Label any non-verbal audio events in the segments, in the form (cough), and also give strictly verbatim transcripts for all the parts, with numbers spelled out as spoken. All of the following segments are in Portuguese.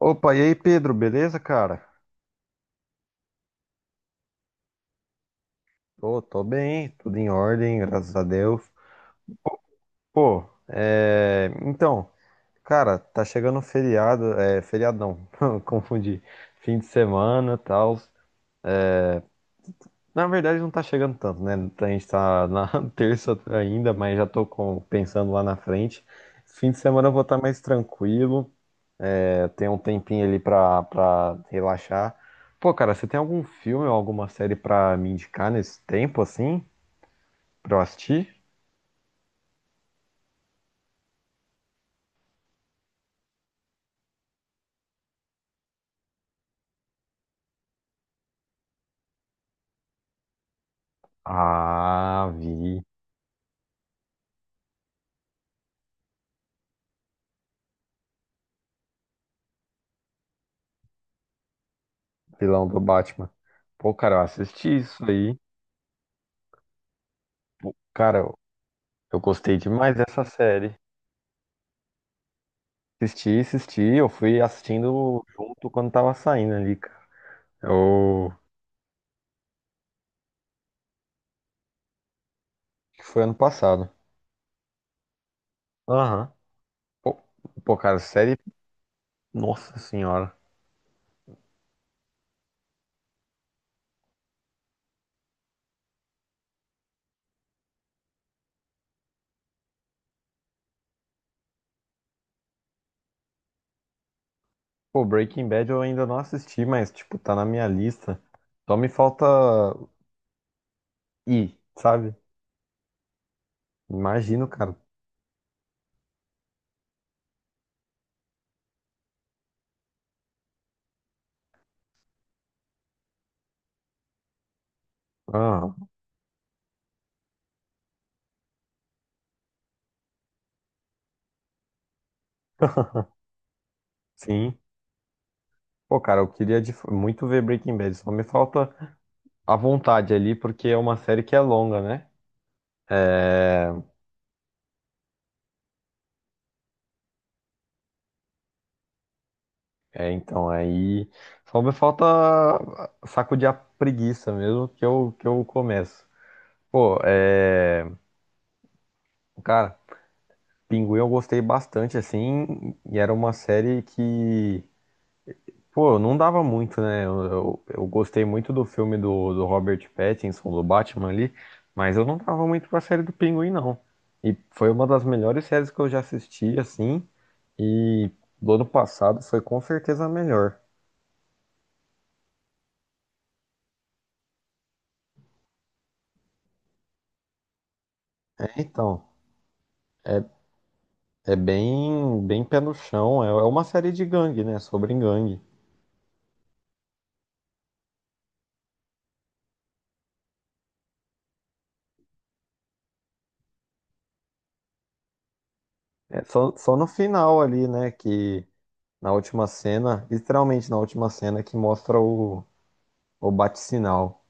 Opa, e aí, Pedro, beleza, cara? Pô, tô bem, tudo em ordem, graças a Deus. Pô, é... então, cara, tá chegando o feriado, é, feriado não, (laughs) confundi, fim de semana, tal. Na verdade, não tá chegando tanto, né? A gente tá na (laughs) terça ainda, mas já tô com- pensando lá na frente. Fim de semana eu vou estar mais tranquilo, é, tem um tempinho ali pra, pra relaxar. Pô, cara, você tem algum filme ou alguma série pra me indicar nesse tempo, assim, pra eu assistir? Ah, vi. Vilão do Batman. Pô, cara, eu assisti isso aí. Pô, cara, eu eu gostei demais dessa série. Assisti, assisti. Eu fui assistindo junto quando tava saindo ali, cara. Eu... acho que foi ano passado. Aham. Pô, pô, cara, série. Nossa senhora. Pô, Breaking Bad eu ainda não assisti, mas, tipo, tá na minha lista. Só me falta ir, sabe? Imagino, cara. Aham. Sim. Pô, cara, eu queria de- muito ver Breaking Bad. Só me falta à vontade ali, porque é uma série que é longa, né? É, é, então, aí só me falta sacudir a preguiça mesmo que eu, que eu começo. Pô, é, cara, Pinguim eu gostei bastante, assim, e era uma série que, pô, não dava muito, né? Eu, eu, eu gostei muito do filme do, do Robert Pattinson, do Batman ali, mas eu não dava muito pra série do Pinguim, não. E foi uma das melhores séries que eu já assisti, assim, e do ano passado foi com certeza a melhor. É, então, é, é bem, bem pé no chão. É, é uma série de gangue, né? Sobre gangue. É só, só no final ali, né? Que na última cena, literalmente na última cena, que mostra o, o bate-sinal.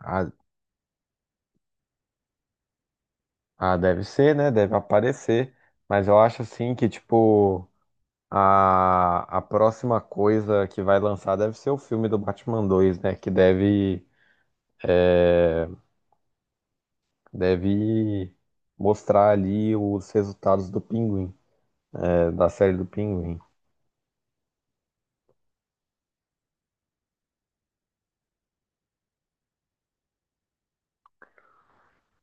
Ah, ah, deve ser, né? Deve aparecer. Mas eu acho assim que, tipo, a, a próxima coisa que vai lançar deve ser o filme do Batman dois, né? Que deve Deve mostrar ali os resultados do Pinguim, é, da série do Pinguim.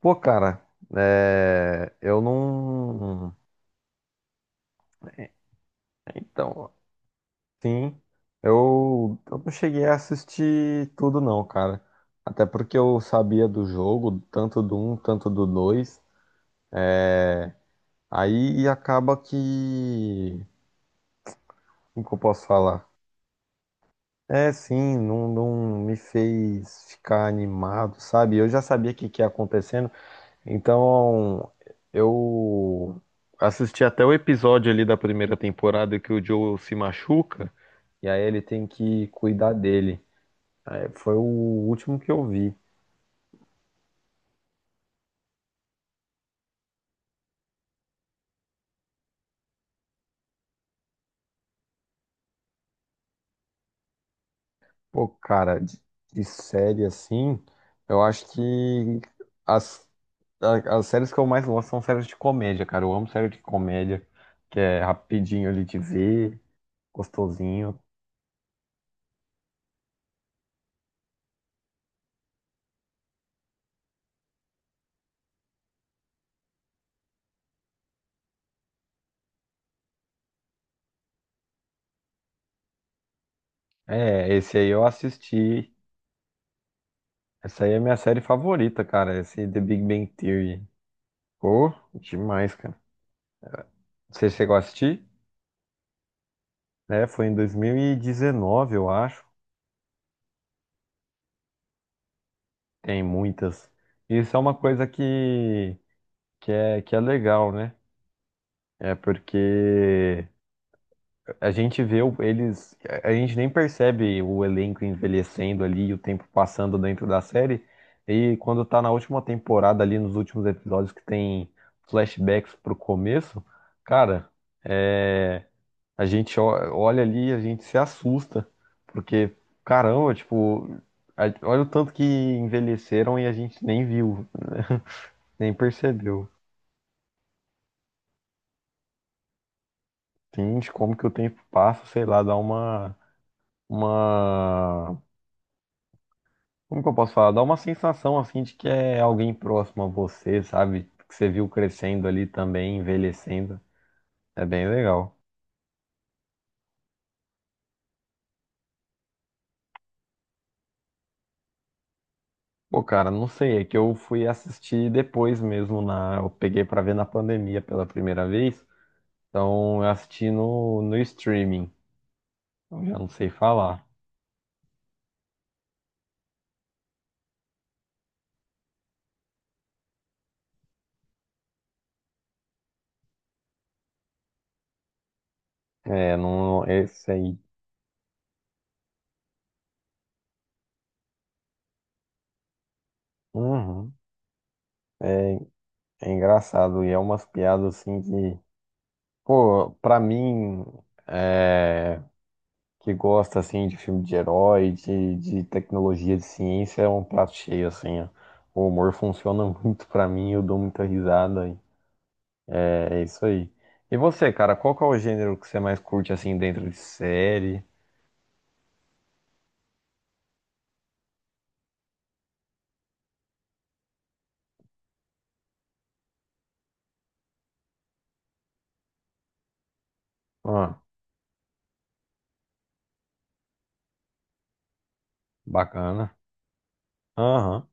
Pô, cara, é, eu não. Então, sim, eu, eu não cheguei a assistir tudo, não, cara. Até porque eu sabia do jogo, tanto do um tanto do dois. Aí acaba que. Como que eu posso falar? É, sim, não, não me fez ficar animado, sabe? Eu já sabia o que, que ia acontecer. Então, eu assisti até o episódio ali da primeira temporada que o Joel se machuca e aí ele tem que cuidar dele. É, foi o último que eu vi. Pô, cara, de, de série assim, eu acho que as, a- as séries que eu mais gosto são séries de comédia, cara. Eu amo série de comédia, que é rapidinho ali de ver, gostosinho. É, esse aí eu assisti. Essa aí é a minha série favorita, cara. Esse The Big Bang Theory. Pô, demais, cara. Você chegou a assistir? É, foi em dois mil e dezenove, eu acho. Tem muitas. Isso é uma coisa que, que é, que é legal, né? É porque a gente vê o- eles... A a gente nem percebe o elenco envelhecendo ali, e o tempo passando dentro da série. E quando tá na última temporada ali, nos últimos episódios que tem flashbacks pro começo, cara. é, A gente ó- olha ali, a gente se assusta, porque caramba, tipo, a- olha o tanto que envelheceram e a gente nem viu, nem percebeu. Entende como que o tempo passa, sei lá, dá uma, uma, como que eu posso falar? Dá uma sensação assim de que é alguém próximo a você, sabe? Que você viu crescendo ali também, envelhecendo. É bem legal. Pô, cara, não sei, é que eu fui assistir depois mesmo na, eu peguei pra ver na pandemia pela primeira vez. Então eu assisti no, no streaming. Eu já não sei falar. É, não, esse aí. Uhum. É, é engraçado. E é umas piadas assim que... Pô, pra mim, é, que gosta assim de filme de herói, de, de tecnologia, de ciência, é um prato cheio, assim, ó. O humor funciona (laughs) muito pra mim, eu dou muita risada. E É isso aí. E você, cara, qual que é o gênero que você mais curte assim dentro de série? Ah, bacana. Aham.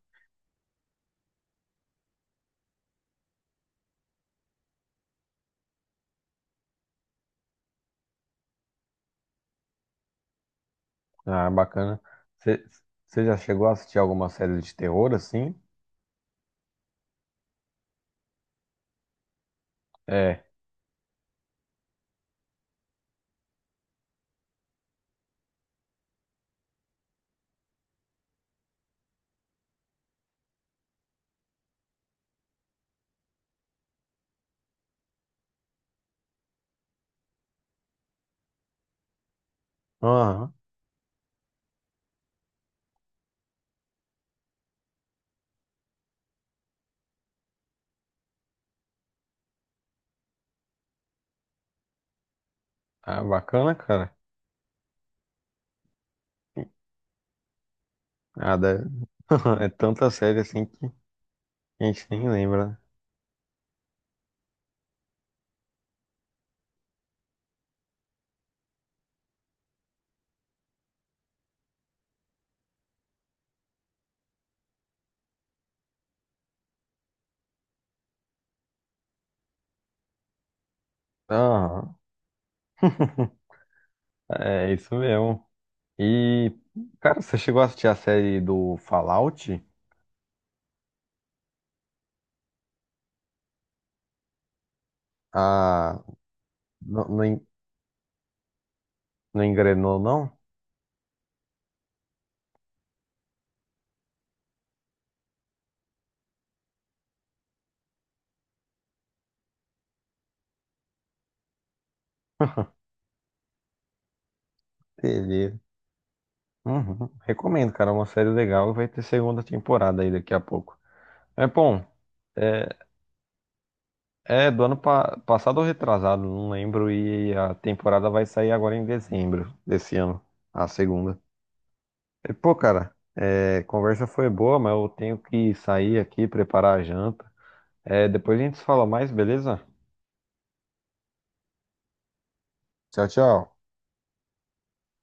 Ah, bacana. Você já chegou a assistir alguma série de terror assim? É. Aham. Ah, bacana, cara. Ah, deve- (laughs) É tanta série assim que a gente nem lembra, né? Aham. É isso mesmo. E, cara, você chegou a assistir a série do Fallout? Ah, não, não, en- não engrenou, não? Beleza. Uhum. Recomendo, cara. É uma série legal e vai ter segunda temporada aí daqui a pouco. É bom. é, É, do ano pa- passado ou retrasado, não lembro. E a temporada vai sair agora em dezembro desse ano, a segunda. E, pô, cara, é, conversa foi boa, mas eu tenho que sair aqui, preparar a janta. É, depois a gente se fala mais, beleza? Tchau, tchau.